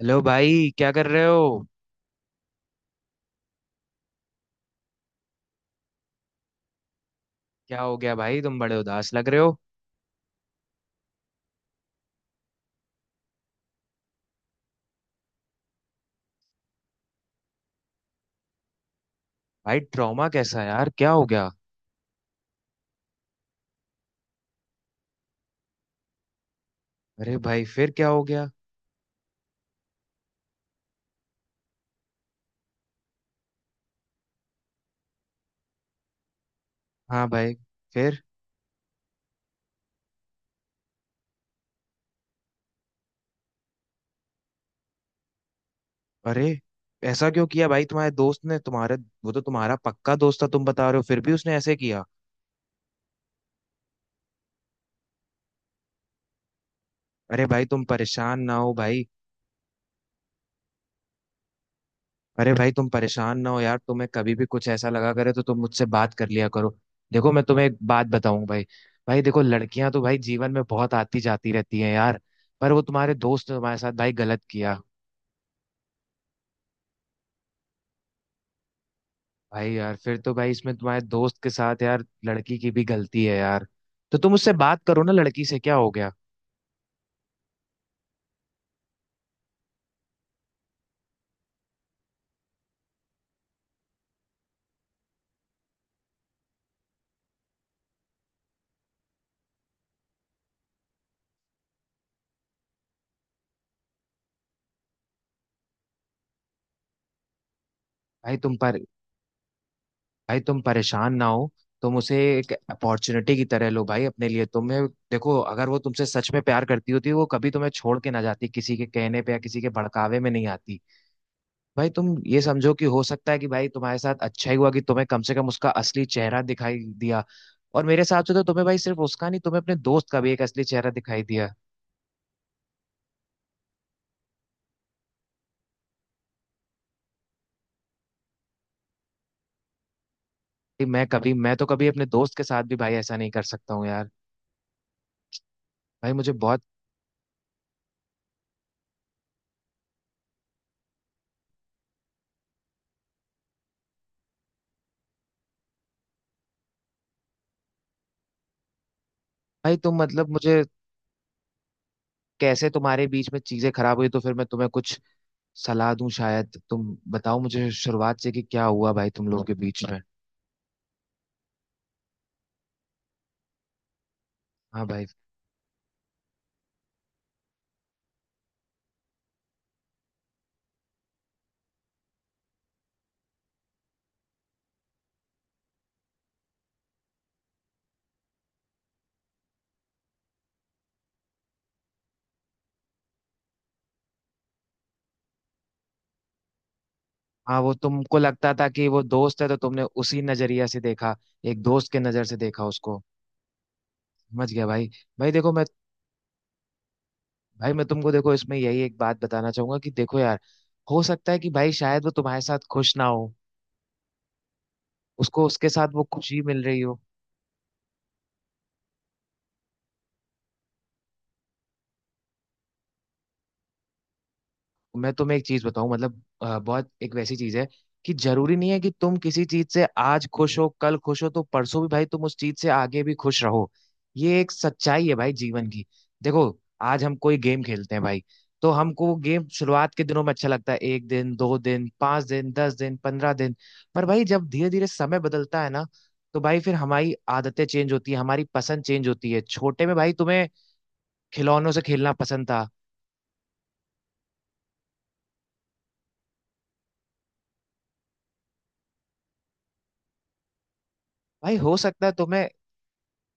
Hello भाई, क्या कर रहे हो? क्या हो गया भाई? तुम बड़े उदास लग रहे हो। भाई, ट्रॉमा कैसा है यार? क्या हो गया? अरे भाई, फिर क्या हो गया? हाँ भाई। फिर? अरे, ऐसा क्यों किया भाई तुम्हारे दोस्त ने तुम्हारे? वो तो तुम्हारा पक्का दोस्त था तुम बता रहे हो, फिर भी उसने ऐसे किया। अरे भाई, तुम परेशान ना हो भाई। अरे भाई, तुम परेशान ना हो यार। तुम्हें कभी भी कुछ ऐसा लगा करे तो तुम मुझसे बात कर लिया करो। देखो, मैं तुम्हें एक बात बताऊं भाई। भाई देखो, लड़कियां तो भाई जीवन में बहुत आती जाती रहती हैं यार। पर वो तुम्हारे दोस्त ने तुम्हारे साथ भाई गलत किया। भाई यार, फिर तो भाई इसमें तुम्हारे दोस्त के साथ यार लड़की की भी गलती है यार। तो तुम उससे बात करो ना लड़की से, क्या हो गया? भाई तुम पर भाई, तुम परेशान ना हो। तुम उसे एक अपॉर्चुनिटी की तरह लो भाई, अपने लिए। तुम्हें देखो, अगर वो तुमसे सच में प्यार करती होती वो कभी तुम्हें छोड़ के ना जाती, किसी के कहने पे या किसी के भड़कावे में नहीं आती। भाई तुम ये समझो कि हो सकता है कि भाई तुम्हारे साथ अच्छा ही हुआ कि तुम्हें कम से कम उसका असली चेहरा दिखाई दिया। और मेरे हिसाब से तो तुम्हें भाई सिर्फ उसका नहीं, तुम्हें अपने दोस्त का भी एक असली चेहरा दिखाई दिया। भाई मैं तो कभी अपने दोस्त के साथ भी भाई ऐसा नहीं कर सकता हूँ यार। भाई मुझे बहुत। भाई तुम मतलब मुझे कैसे तुम्हारे बीच में चीजें खराब हुई, तो फिर मैं तुम्हें कुछ सलाह दूं, शायद तुम बताओ मुझे शुरुआत से कि क्या हुआ भाई तुम लोगों के बीच में। हाँ भाई। हाँ, वो तुमको लगता था कि वो दोस्त है तो तुमने उसी नजरिया से देखा, एक दोस्त के नजर से देखा उसको। समझ गया भाई। भाई देखो मैं भाई, मैं तुमको देखो, इसमें यही एक बात बताना चाहूंगा कि देखो यार, हो सकता है कि भाई शायद वो तुम्हारे साथ खुश ना हो, उसको उसके साथ वो खुशी मिल रही हो। मैं तुम्हें एक चीज बताऊं, मतलब बहुत एक वैसी चीज है कि जरूरी नहीं है कि तुम किसी चीज से आज खुश हो कल खुश हो तो परसों भी भाई तुम उस चीज से आगे भी खुश रहो। ये एक सच्चाई है भाई जीवन की। देखो, आज हम कोई गेम खेलते हैं भाई, तो हमको वो गेम शुरुआत के दिनों में अच्छा लगता है, एक दिन 2 दिन 5 दिन 10 दिन 15 दिन। पर भाई जब धीरे धीरे समय बदलता है ना, तो भाई फिर हमारी आदतें चेंज होती है, हमारी पसंद चेंज होती है। छोटे में भाई तुम्हें खिलौनों से खेलना पसंद था। भाई हो सकता है तुम्हें,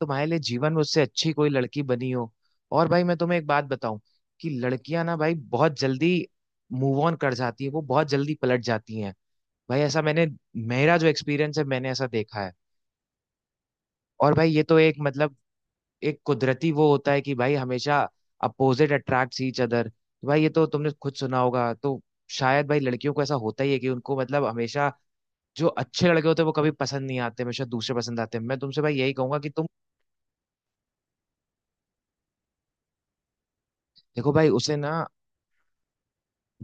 तुम्हारे लिए जीवन में उससे अच्छी कोई लड़की बनी हो। और भाई मैं तुम्हें एक बात बताऊं कि लड़कियां ना भाई बहुत जल्दी मूव ऑन कर जाती है, वो बहुत जल्दी पलट जाती हैं। भाई ऐसा मैंने, मेरा जो एक्सपीरियंस है मैंने ऐसा देखा है। और भाई ये तो एक मतलब एक कुदरती वो होता है कि भाई हमेशा अपोजिट अट्रैक्ट्स ईच अदर। भाई ये तो तुमने खुद सुना होगा। तो शायद भाई लड़कियों को ऐसा होता ही है कि उनको मतलब हमेशा जो अच्छे लड़के होते हैं वो कभी पसंद नहीं आते, हमेशा दूसरे पसंद आते हैं। मैं तुमसे भाई यही कहूंगा कि तुम देखो भाई उसे ना,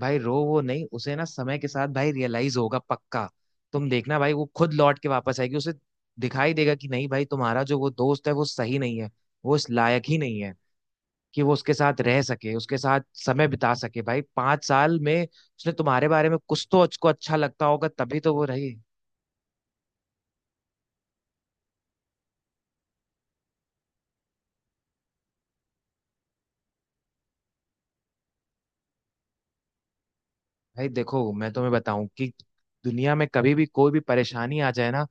भाई रो वो नहीं, उसे ना समय के साथ भाई रियलाइज होगा पक्का। तुम देखना भाई वो खुद लौट के वापस आएगी, उसे दिखाई देगा कि नहीं भाई, तुम्हारा जो वो दोस्त है वो सही नहीं है, वो इस लायक ही नहीं है कि वो उसके साथ रह सके, उसके साथ समय बिता सके। भाई पांच साल में उसने तुम्हारे बारे में, कुछ तो उसको अच्छा लगता होगा तभी तो वो रही। भाई देखो, मैं तुम्हें बताऊं कि दुनिया में कभी भी कोई भी परेशानी आ जाए ना,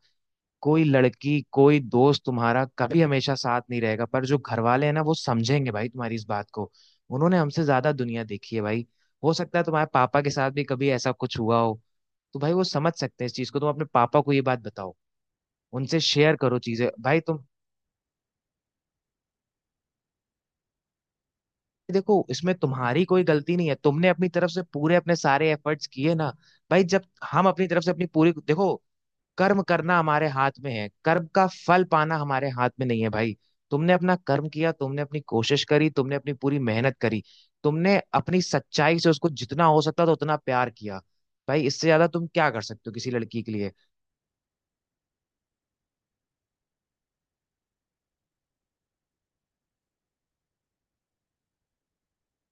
कोई लड़की कोई दोस्त तुम्हारा कभी हमेशा साथ नहीं रहेगा, पर जो घर वाले हैं ना वो समझेंगे भाई तुम्हारी इस बात को। उन्होंने हमसे ज्यादा दुनिया देखी है भाई। हो सकता है तुम्हारे पापा के साथ भी कभी ऐसा कुछ हुआ हो, तो भाई वो समझ सकते हैं इस चीज को। तुम अपने पापा को ये बात बताओ, उनसे शेयर करो चीजें भाई तुम। देखो, इसमें तुम्हारी कोई गलती नहीं है, तुमने अपनी तरफ से पूरे अपने सारे एफर्ट्स किए ना। भाई जब हम अपनी तरफ से अपनी पूरी देखो, कर्म करना हमारे हाथ में है, कर्म का फल पाना हमारे हाथ में नहीं है भाई। तुमने अपना कर्म किया, तुमने अपनी कोशिश करी, तुमने अपनी पूरी मेहनत करी, तुमने अपनी सच्चाई से उसको जितना हो सकता था उतना प्यार किया। भाई इससे ज्यादा तुम क्या कर सकते हो किसी लड़की के लिए?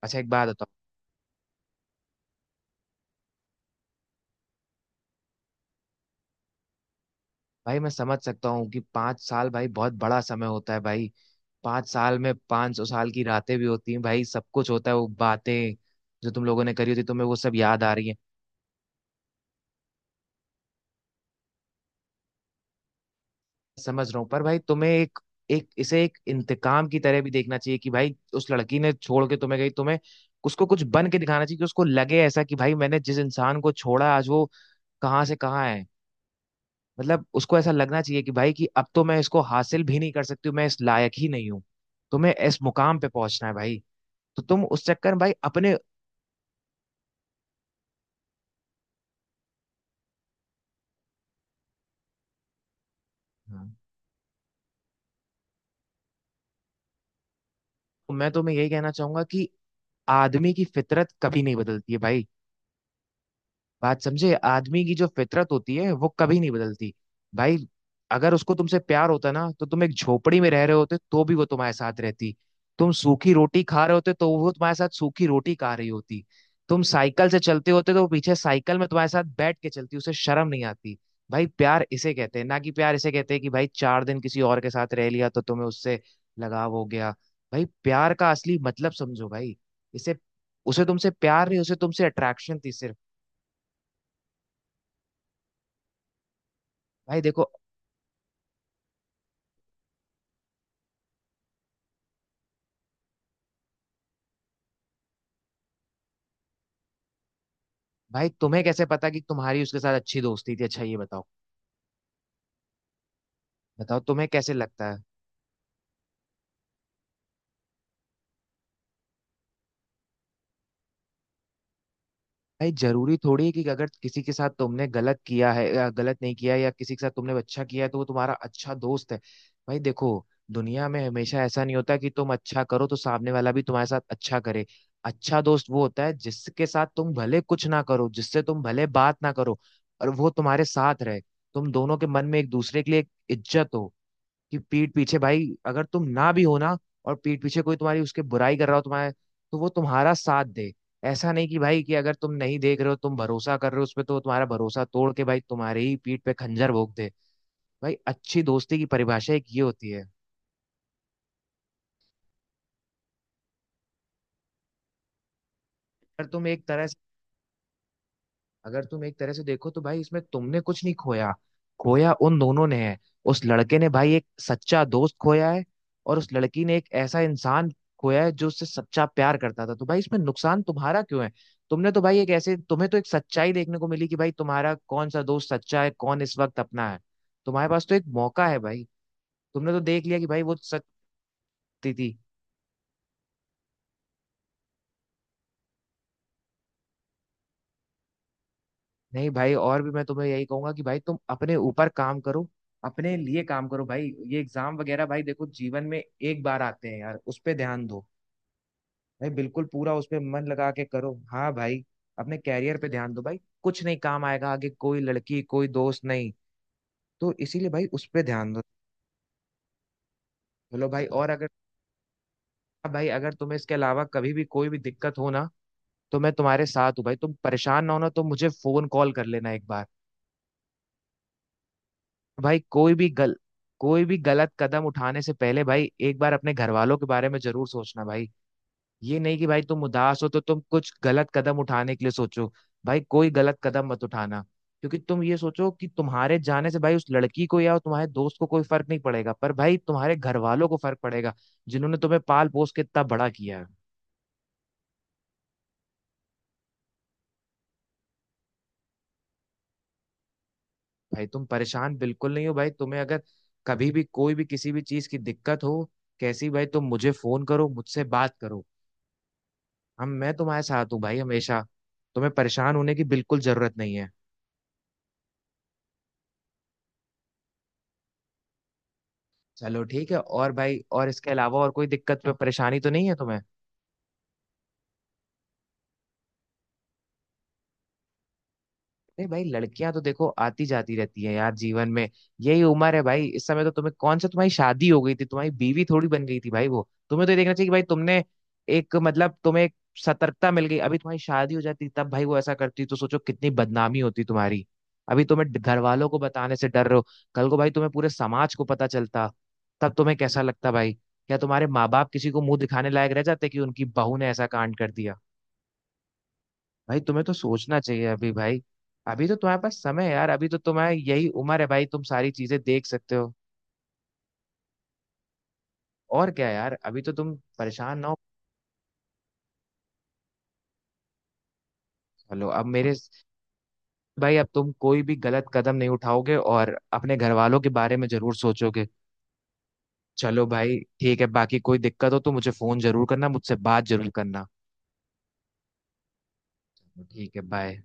अच्छा एक बात बताओ। भाई मैं समझ सकता हूँ कि 5 साल भाई बहुत बड़ा समय होता है भाई। 5 साल में 500 साल की रातें भी होती हैं भाई, सब कुछ होता है। वो बातें जो तुम लोगों ने करी होती तुम्हें वो सब याद आ रही है। समझ रहा हूँ, पर भाई तुम्हें एक एक इसे एक इंतकाम की तरह भी देखना चाहिए कि भाई उस लड़की ने छोड़ के तुम्हें गई तुम्हें, उसको कुछ बन के दिखाना चाहिए कि उसको लगे ऐसा कि भाई मैंने जिस इंसान को छोड़ा आज वो कहाँ से कहाँ है। मतलब उसको ऐसा लगना चाहिए कि भाई कि अब तो मैं इसको हासिल भी नहीं कर सकती हूँ, मैं इस लायक ही नहीं हूँ। तुम्हें इस मुकाम पे पहुंचना है भाई। तो तुम उस चक्कर में भाई अपने। हाँ। मैं तुम्हें यही कहना चाहूंगा कि आदमी की फितरत कभी नहीं बदलती है भाई। बात समझे, आदमी की जो फितरत होती है वो कभी नहीं बदलती भाई। अगर उसको तुमसे प्यार होता ना तो तुम एक झोपड़ी में रह रहे होते तो भी वो तुम्हारे साथ रहती, तुम सूखी रोटी खा रहे होते तो वो तुम्हारे साथ सूखी रोटी खा रही होती, तुम साइकिल से चलते होते तो वो पीछे साइकिल में तुम्हारे साथ बैठ के चलती, उसे शर्म नहीं आती। भाई प्यार इसे कहते हैं ना, कि प्यार इसे कहते हैं कि भाई 4 दिन किसी और के साथ रह लिया तो तुम्हें उससे लगाव हो गया। भाई प्यार का असली मतलब समझो भाई इसे उसे तुमसे प्यार नहीं, उसे तुमसे अट्रैक्शन थी सिर्फ। भाई देखो, भाई तुम्हें कैसे पता कि तुम्हारी उसके साथ अच्छी दोस्ती थी? अच्छा ये बताओ, बताओ तुम्हें कैसे लगता है? भाई जरूरी थोड़ी है कि अगर किसी के साथ तुमने गलत किया है या गलत नहीं किया है, या किसी के साथ तुमने अच्छा किया है तो वो तुम्हारा अच्छा दोस्त है। भाई देखो, दुनिया में हमेशा ऐसा नहीं होता कि तुम अच्छा करो तो सामने वाला भी तुम्हारे साथ अच्छा करे। अच्छा दोस्त वो होता है जिसके साथ तुम भले कुछ ना करो, जिससे तुम भले बात ना करो और वो तुम्हारे साथ रहे, तुम दोनों के मन में एक दूसरे के लिए एक इज्जत हो। कि पीठ पीछे भाई अगर तुम ना भी हो ना और पीठ पीछे कोई तुम्हारी उसके बुराई कर रहा हो तुम्हारे, तो वो तुम्हारा साथ दे। ऐसा नहीं कि भाई कि अगर तुम नहीं देख रहे हो तुम भरोसा कर रहे हो उस पे, तो वो तुम्हारा भरोसा तोड़ के भाई तुम्हारे ही पीठ पे खंजर भोंक दे। भाई अच्छी दोस्ती की परिभाषा एक ये होती है। अगर तुम एक तरह अगर तुम एक तरह से देखो तो भाई इसमें तुमने कुछ नहीं खोया, खोया उन दोनों ने है। उस लड़के ने भाई एक सच्चा दोस्त खोया है और उस लड़की ने एक ऐसा इंसान खोया है जो उससे सच्चा प्यार करता था। तो भाई इसमें नुकसान तुम्हारा क्यों है? तुमने तो भाई एक ऐसे, तुम्हें तो एक सच्चाई देखने को मिली कि भाई तुम्हारा कौन सा दोस्त सच्चा है, कौन इस वक्त अपना है। तुम्हारे पास तो एक मौका है भाई। तुमने तो देख लिया कि भाई वो सच्ची थी। नहीं भाई, और भी मैं तुम्हें यही कहूंगा कि भाई तुम अपने ऊपर काम करो, अपने लिए काम करो भाई। ये एग्जाम वगैरह भाई देखो जीवन में एक बार आते हैं यार, उस पे ध्यान दो भाई, बिल्कुल पूरा उस पे मन लगा के करो। हाँ भाई। अपने कैरियर पे ध्यान दो भाई, कुछ नहीं काम आएगा आगे, कोई लड़की कोई दोस्त नहीं, तो इसीलिए भाई उस पे ध्यान दो। चलो भाई, और अगर, हाँ भाई, अगर तुम्हें इसके अलावा कभी भी कोई भी दिक्कत हो ना, तो मैं तुम्हारे साथ हूँ भाई। तुम परेशान ना होना, तो मुझे फोन कॉल कर लेना एक बार भाई। कोई भी गलत कदम उठाने से पहले भाई एक बार अपने घर वालों के बारे में जरूर सोचना भाई। ये नहीं कि भाई तुम उदास हो तो तुम कुछ गलत कदम उठाने के लिए सोचो। भाई कोई गलत कदम मत उठाना, क्योंकि तुम ये सोचो कि तुम्हारे जाने से भाई उस लड़की को या तुम्हारे दोस्त को कोई फर्क नहीं पड़ेगा, पर भाई तुम्हारे घर वालों को फर्क पड़ेगा, जिन्होंने तुम्हें पाल पोस के इतना बड़ा किया है। भाई तुम परेशान बिल्कुल नहीं हो भाई, तुम्हें अगर कभी भी कोई भी किसी भी चीज की दिक्कत हो कैसी भाई, तुम मुझे फोन करो, मुझसे बात करो। हम मैं तुम्हारे साथ हूँ भाई हमेशा, तुम्हें परेशान होने की बिल्कुल जरूरत नहीं है। चलो ठीक है, और भाई और इसके अलावा और कोई दिक्कत पे परेशानी तो नहीं है तुम्हें? अरे भाई, लड़कियां तो देखो आती जाती रहती है यार जीवन में, यही उम्र है भाई। इस समय तो तुम्हें कौन सा तुम्हारी शादी हो गई थी, तुम्हारी बीवी थोड़ी बन गई थी भाई वो। तुम्हें तो ये देखना चाहिए कि भाई तुमने एक मतलब तुम्हें एक सतर्कता मिल गई, अभी तुम्हारी शादी हो जाती तब भाई वो ऐसा करती तो सोचो कितनी बदनामी होती तुम्हारी। अभी तुम्हें घर वालों को बताने से डर रहे हो, कल को भाई तुम्हें पूरे समाज को पता चलता, तब तुम्हें कैसा लगता भाई? क्या तुम्हारे माँ बाप किसी को मुंह दिखाने लायक रह जाते कि उनकी बहू ने ऐसा कांड कर दिया? भाई तुम्हें तो सोचना चाहिए अभी भाई, अभी तो तुम्हारे पास समय है यार, अभी तो तुम्हारा यही उम्र है भाई, तुम सारी चीजें देख सकते हो। और क्या यार, अभी तो तुम परेशान ना हो। चलो, अब मेरे, भाई अब तुम कोई भी गलत कदम नहीं उठाओगे और अपने घर वालों के बारे में जरूर सोचोगे। चलो भाई ठीक है, बाकी कोई दिक्कत हो तो मुझे फोन जरूर करना, मुझसे बात जरूर करना। ठीक है, बाय।